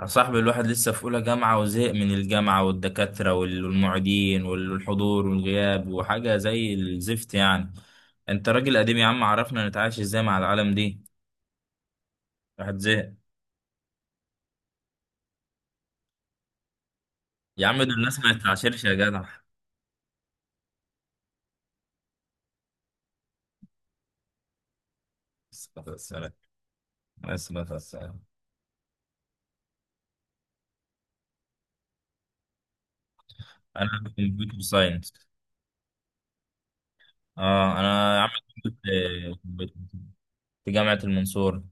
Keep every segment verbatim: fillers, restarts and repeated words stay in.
يا صاحبي الواحد لسه في أولى جامعة وزهق من الجامعة والدكاترة وال- والمعيدين والحضور والغياب وحاجة زي الزفت يعني. أنت راجل قديم يا عم، عرفنا نتعايش إزاي مع العالم دي. الواحد زهق. يا عم دول الناس ما يتعاشرش يا جدع. الصلاة والسلام عليه الصلاة والسلام. أنا كمبيوتر ساينس. أه أنا يا عم كنت في في جامعة المنصورة.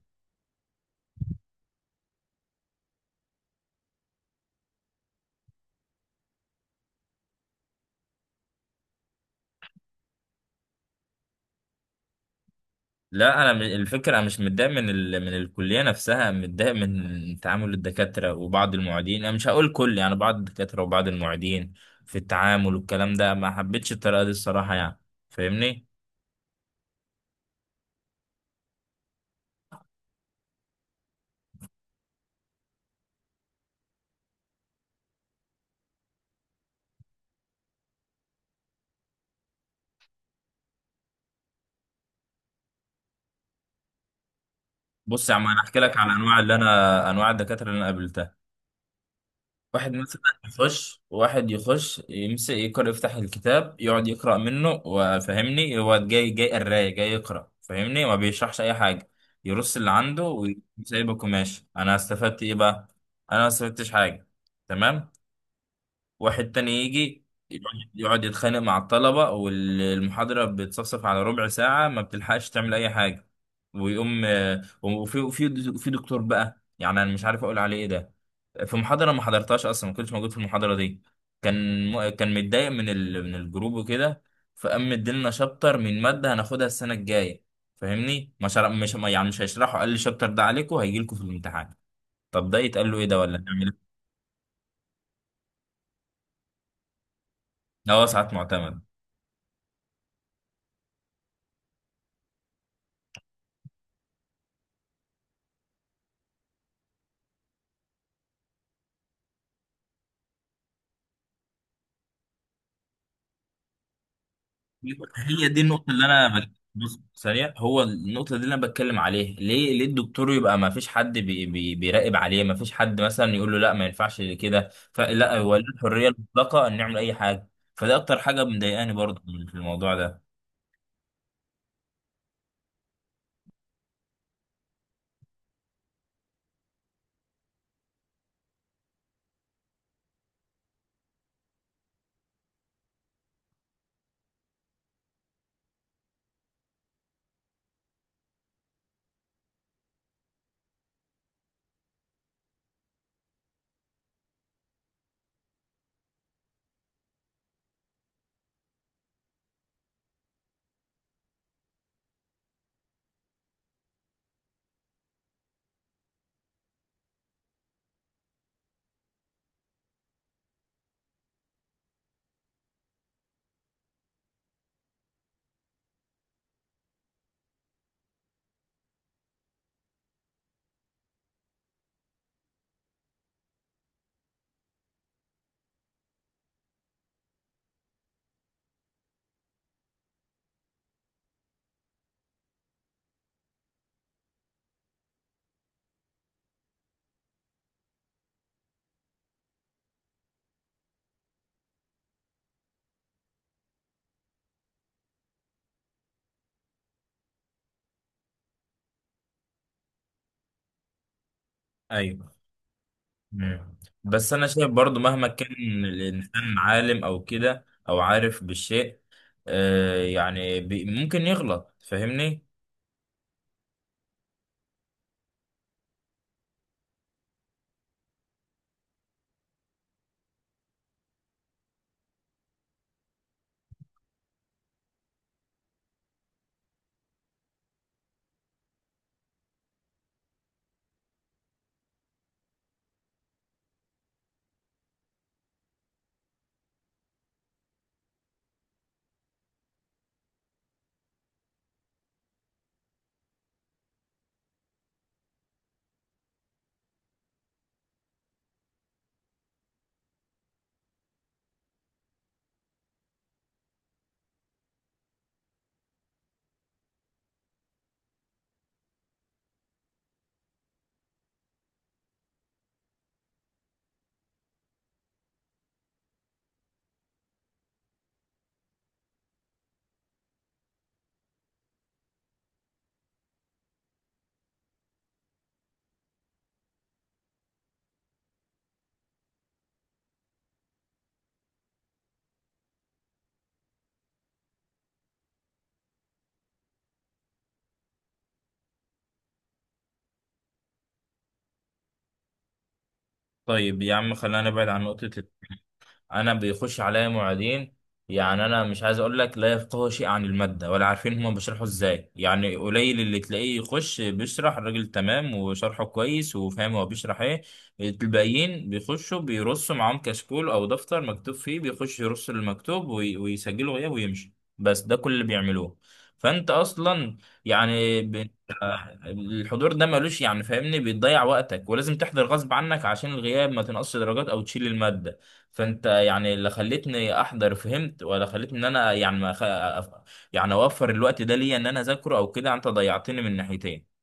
لا انا م- الفكره انا مش متضايق من ال... من الكليه نفسها، متضايق من تعامل الدكاتره وبعض المعيدين، انا مش هقول كل يعني بعض الدكاتره وبعض المعيدين في التعامل والكلام ده. ما حبيتش الطريقه دي الصراحه يعني، فاهمني؟ بص يا عم انا احكي لك على انواع اللي انا انواع الدكاتره اللي انا قابلتها. واحد مثلا يخش، واحد يخش يمسك يقرأ، يفتح الكتاب يقعد يقرأ منه وفهمني، هو جاي جاي قراية جاي يقرأ فاهمني، ما بيشرحش أي حاجة. يرص اللي عنده ويسيبك وماشي. أنا استفدت إيه بقى؟ أنا ما استفدتش حاجة. تمام. واحد تاني يجي يقعد يقعد يتخانق مع الطلبة، والمحاضرة بتصفصف على ربع ساعة، ما بتلحقش تعمل أي حاجة. ويقوم آه، وفي وفي في دكتور بقى يعني أنا مش عارف أقول عليه إيه ده. في محاضرة ما حضرتهاش أصلا، ما كنتش موجود في المحاضرة دي. كان م- كان متضايق من ال... من الجروب وكده، فقام مديلنا شابتر من مادة هناخدها السنة الجاية. فاهمني؟ ما شرح... مش ما- يعني مش هيشرحوا، قال لي الشابتر ده عليكم هيجي لكم في الامتحان. طب ده يتقال له ايه ده، ولا نعمل ايه؟ ده هو ساعات معتمد. هي دي النقطة اللي أنا بك... بص سريع، هو النقطة دي اللي أنا بتكلم عليها، ليه؟ ليه الدكتور يبقى ما فيش حد بي... بي... بيراقب عليه؟ ما فيش حد مثلا يقول له لا، ما ينفعش كده؟ فلا، هو ليه الحرية المطلقة إن نعمل أي حاجة. فده أكتر حاجة مضايقاني برضه في الموضوع ده. أيوه. مم. بس أنا شايف برضه، مهما كان الإنسان عالم أو كده أو عارف بالشيء، آه يعني بي... ممكن يغلط، فاهمني؟ طيب يا عم خلينا نبعد عن نقطة. انا بيخش عليا معيدين، يعني انا مش عايز اقول لك لا يفقهوا شيء عن الماده ولا عارفين هما بيشرحوا ازاي، يعني قليل اللي تلاقيه يخش بيشرح الراجل تمام وشرحه كويس وفاهم هو بيشرح ايه. الباقيين بيخشوا بيرصوا معاهم كشكول او دفتر مكتوب فيه، بيخش يرص المكتوب وي- ويسجله غياب ويمشي، بس ده كل اللي بيعملوه. فانت اصلا يعني ب... الحضور ده ملوش يعني فاهمني، بيضيع وقتك ولازم تحضر غصب عنك عشان الغياب ما تنقصش درجات او تشيل الماده. فانت يعني اللي خلتني احضر فهمت، ولا خلتني ان انا يعني ما خ... يعني اوفر الوقت ده ليا ان انا اذاكره او كده. انت ضيعتني من ناحيتين.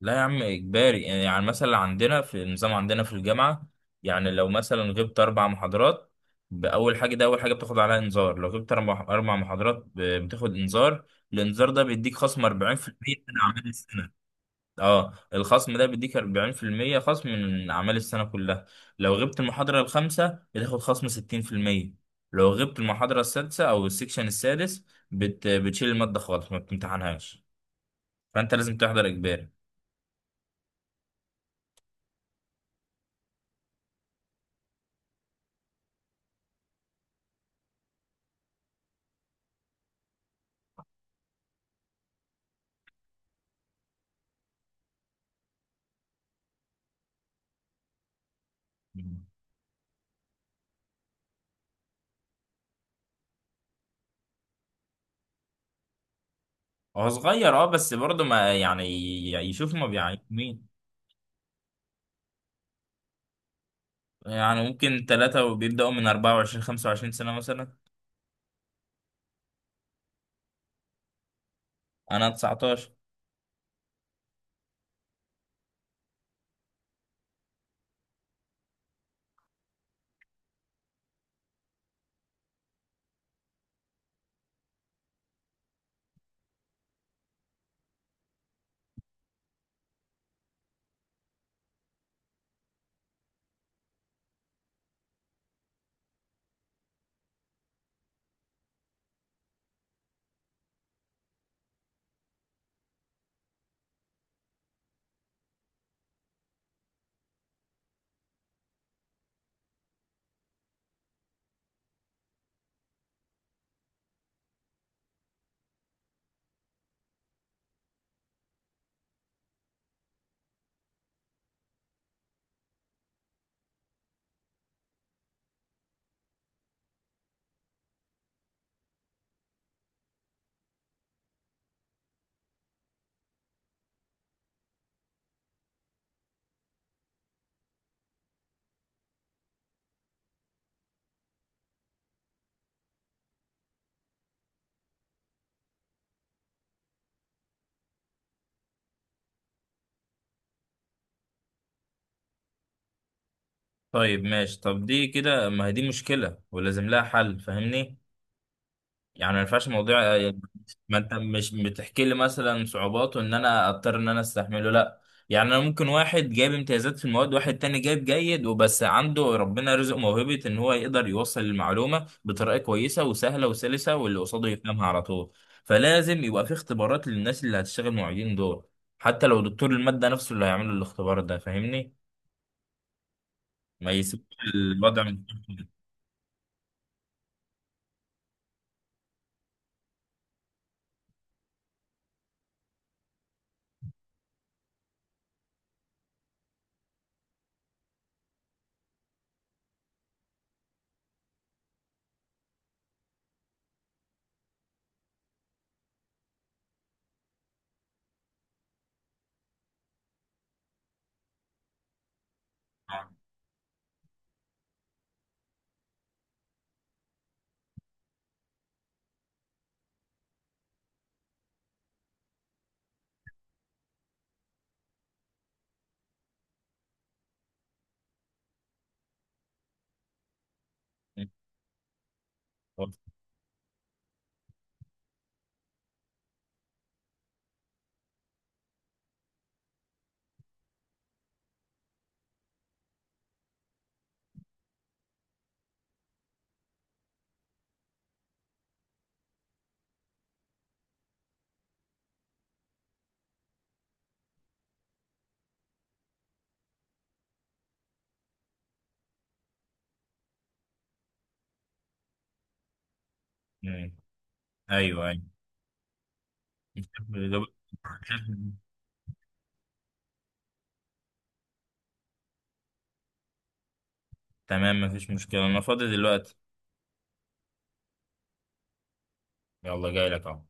لا يا عم اجباري، يعني مثلا عندنا في النظام عندنا في الجامعه، يعني لو مثلا غبت اربع محاضرات، باول حاجه ده اول حاجه بتاخد عليها انذار. لو غبت اربع، أربع محاضرات ب- بتاخد انذار. الانذار ده بيديك خصم أربعين في المية من اعمال السنه. اه الخصم ده بيديك أربعين في المية خصم من اعمال السنه كلها. لو غبت المحاضره الخامسه بتاخد خصم ستين في المية. لو غبت المحاضره السادسه او السكشن السادس بت... بتشيل الماده خالص ما بتمتحنهاش. فانت لازم تحضر اجباري. هو صغير اه، بس برضه ما يعني، يشوف ما بيعين مين. يعني ممكن ثلاثة وبيبدأوا من أربعة وعشرين 25 سنة مثلا. أنا تسعتاشر. طيب ماشي، طب دي كده ما هي دي مشكلة ولازم لها حل فاهمني. يعني ما ينفعش موضوع، ما انت مش بتحكي لي مثلا صعوباته ان انا اضطر ان انا استحمله، لا. يعني انا ممكن واحد جايب امتيازات في المواد، واحد تاني جايب جيد وبس عنده ربنا رزق موهبة ان هو يقدر يوصل المعلومة بطريقة كويسة وسهلة وسلسة واللي قصاده يفهمها على طول. فلازم يبقى في اختبارات للناس اللي هتشتغل معيدين دول، حتى لو دكتور المادة نفسه اللي هيعمل الاختبار ده فاهمني، ما يسيبش الوضع من ايوه ايوه. تمام مفيش مشكلة، انا فاضي دلوقتي. يلا جاي لك اهو.